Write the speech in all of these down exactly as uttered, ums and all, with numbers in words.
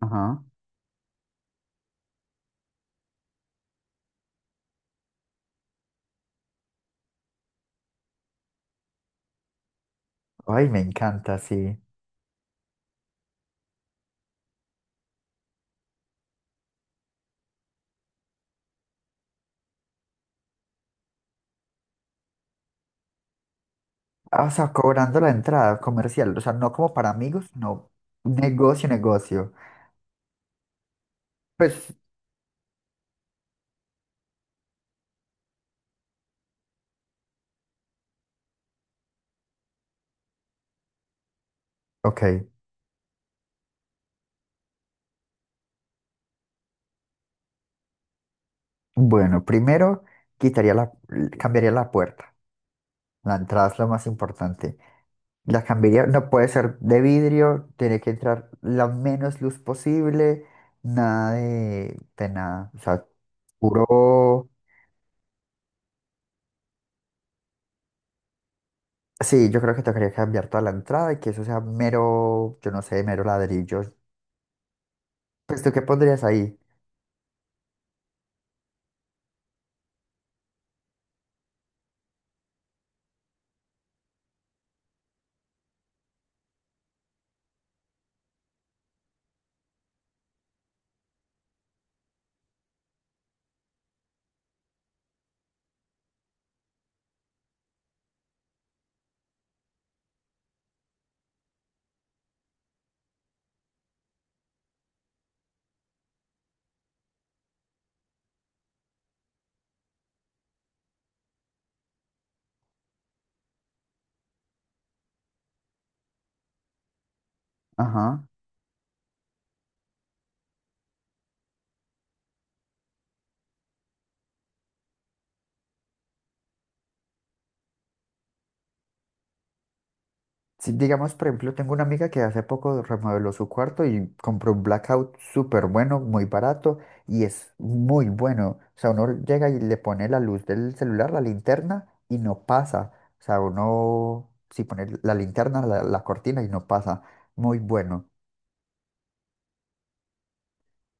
Ajá. Ay, me encanta, sí. Ah, o sea, cobrando la entrada comercial, o sea, no como para amigos, no. Negocio, negocio. Pues, ok. Bueno, primero quitaría la, cambiaría la puerta. La entrada es lo más importante. La cambiaría, no puede ser de vidrio, tiene que entrar la menos luz posible, nada de, de nada. O sea, puro. Sí, yo creo que tocaría cambiar toda la entrada y que eso sea mero, yo no sé, mero ladrillo. Pues, ¿tú qué pondrías ahí? Ajá. Si, digamos, por ejemplo, tengo una amiga que hace poco remodeló su cuarto y compró un blackout súper bueno, muy barato y es muy bueno. O sea, uno llega y le pone la luz del celular, la linterna y no pasa. O sea, uno si pone la linterna, la, la cortina y no pasa. Muy bueno.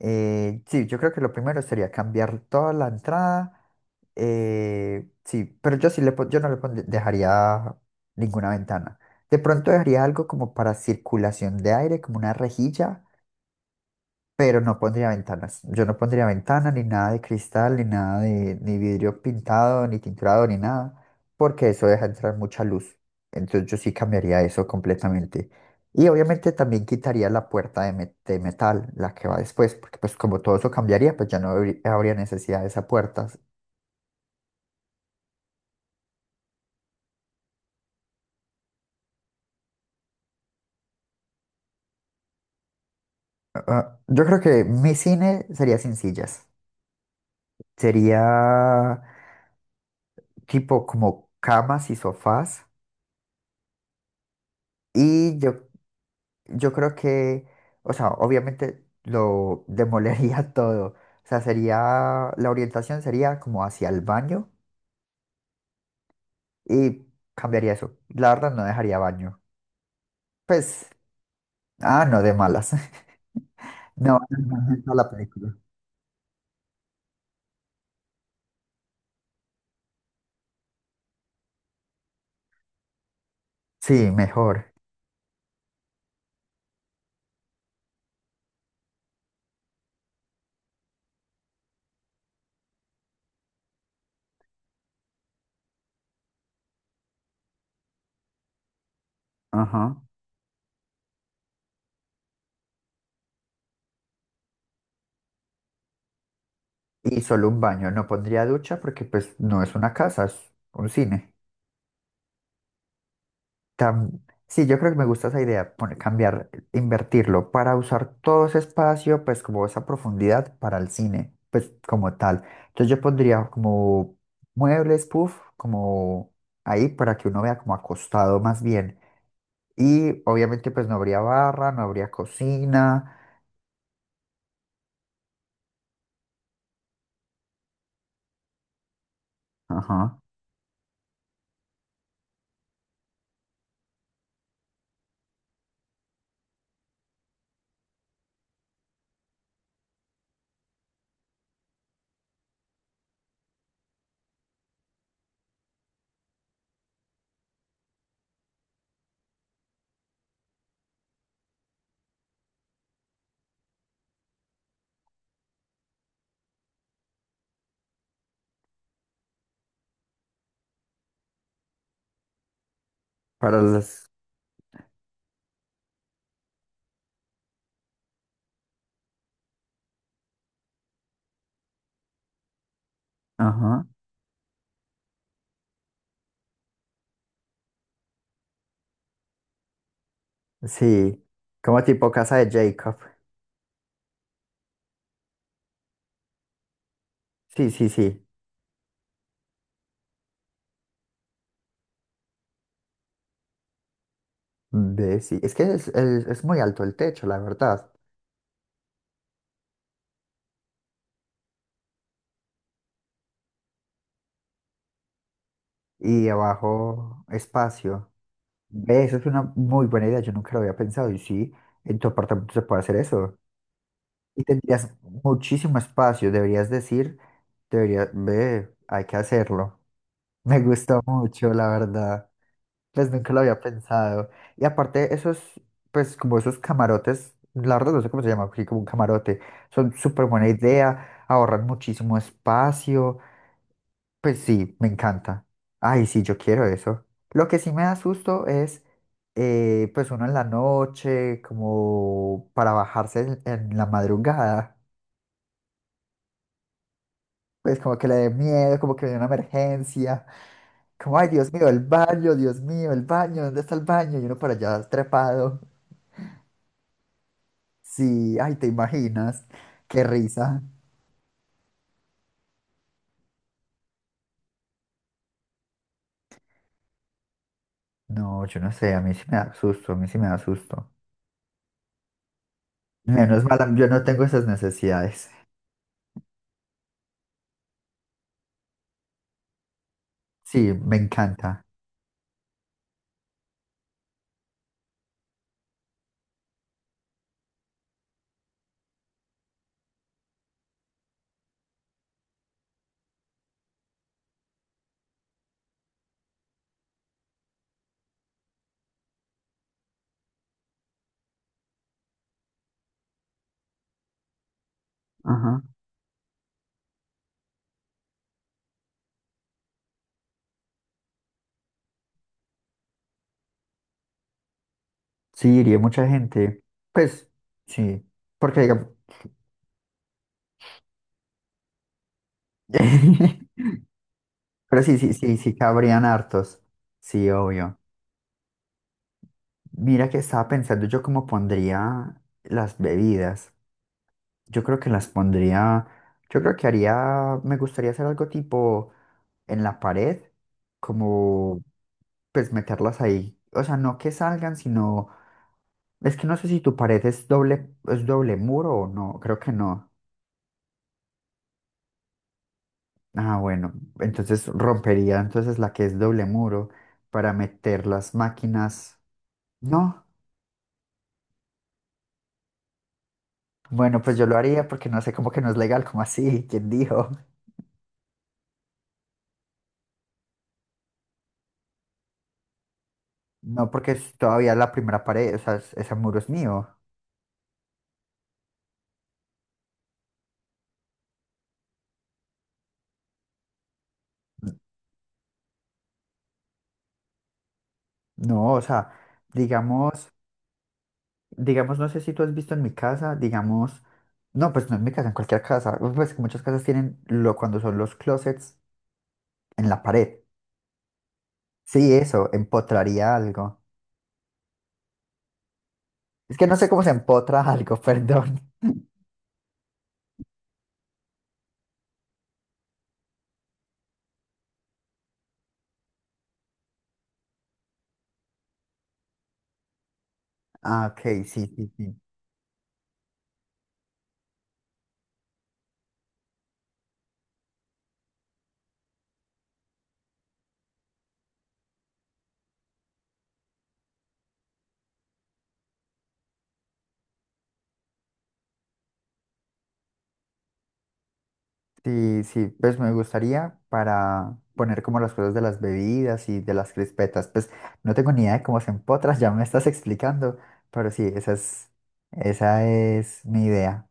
Eh, sí, yo creo que lo primero sería cambiar toda la entrada. Eh, sí, pero yo sí le pon- yo no le pondría- dejaría ninguna ventana. De pronto dejaría algo como para circulación de aire, como una rejilla, pero no pondría ventanas. Yo no pondría ventana, ni nada de cristal, ni nada de, ni vidrio pintado, ni tinturado, ni nada, porque eso deja entrar mucha luz. Entonces yo sí cambiaría eso completamente. Y obviamente también quitaría la puerta de, me- de metal, la que va después, porque pues como todo eso cambiaría, pues ya no habrí- habría necesidad de esa puerta. Ah, yo creo que mi cine sería sin sillas. Sería tipo como camas y sofás. Y yo Yo creo que, o sea, obviamente lo demolería todo. O sea, sería, la orientación sería como hacia el baño y cambiaría eso. La verdad no dejaría baño. Pues, ah, no, de malas. No, el baño en la película. Sí, mejor. Ajá. Y solo un baño. No pondría ducha porque pues no es una casa, es un cine. Tam- sí, yo creo que me gusta esa idea, poner- cambiar, invertirlo para usar todo ese espacio, pues como esa profundidad para el cine, pues como tal. Entonces yo pondría como muebles, puff, como ahí para que uno vea como acostado más bien. Y obviamente pues no habría barra, no habría cocina, ajá, para las, ajá, sí, como tipo casa de Jacob. Sí, sí, sí, ve, sí. Es que es, es es muy alto el techo, la verdad. Y abajo espacio. Ve, eso es una muy buena idea, yo nunca lo había pensado. Y sí, en tu apartamento se puede hacer eso. Y tendrías muchísimo espacio, deberías decir, deberías, ve, hay que hacerlo. Me gustó mucho, la verdad. Pues nunca lo había pensado. Y aparte, esos, pues como esos camarotes, la verdad no sé cómo se llama, aquí como un camarote, son súper buena idea, ahorran muchísimo espacio. Pues sí, me encanta. Ay, sí, yo quiero eso. Lo que sí me da susto es, eh, pues uno en la noche, como para bajarse en, en la madrugada, pues como que le dé miedo, como que viene una emergencia, como, ay, Dios mío, el baño, Dios mío, el baño, ¿dónde está el baño? Y uno por allá trepado. Sí, ay, ¿te imaginas? Qué risa. No, yo no sé, a mí sí me da susto, a mí sí me da susto. Menos mal, yo no tengo esas necesidades. Sí, me encanta. Ajá. Sí, iría mucha gente. Pues sí, porque digamos, pero sí, sí, sí, sí cabrían hartos. Sí, obvio. Mira que estaba pensando yo cómo pondría las bebidas. Yo creo que las pondría, yo creo que haría, me gustaría hacer algo tipo en la pared, como pues meterlas ahí. O sea, no que salgan, sino, es que no sé si tu pared es doble, es doble muro o no, creo que no. Ah, bueno, entonces rompería entonces la que es doble muro para meter las máquinas. No, bueno, pues yo lo haría porque no sé cómo que no es legal, como así, ¿quién dijo? No, porque es todavía la primera pared, o sea, es- ese muro es mío. N- No, o sea, digamos, digamos, no sé si tú has visto en mi casa, digamos, no, pues no en mi casa, en cualquier casa, pues que muchas casas tienen lo cuando son los closets en la pared. Sí, eso, empotraría algo. Es que no sé cómo se empotra algo, perdón. Ah, ok, sí, sí, sí. Sí, sí, pues me gustaría para poner como las cosas de las bebidas y de las crispetas. Pues no tengo ni idea de cómo se empotras, ya me estás explicando, pero sí, esa es, esa es mi idea.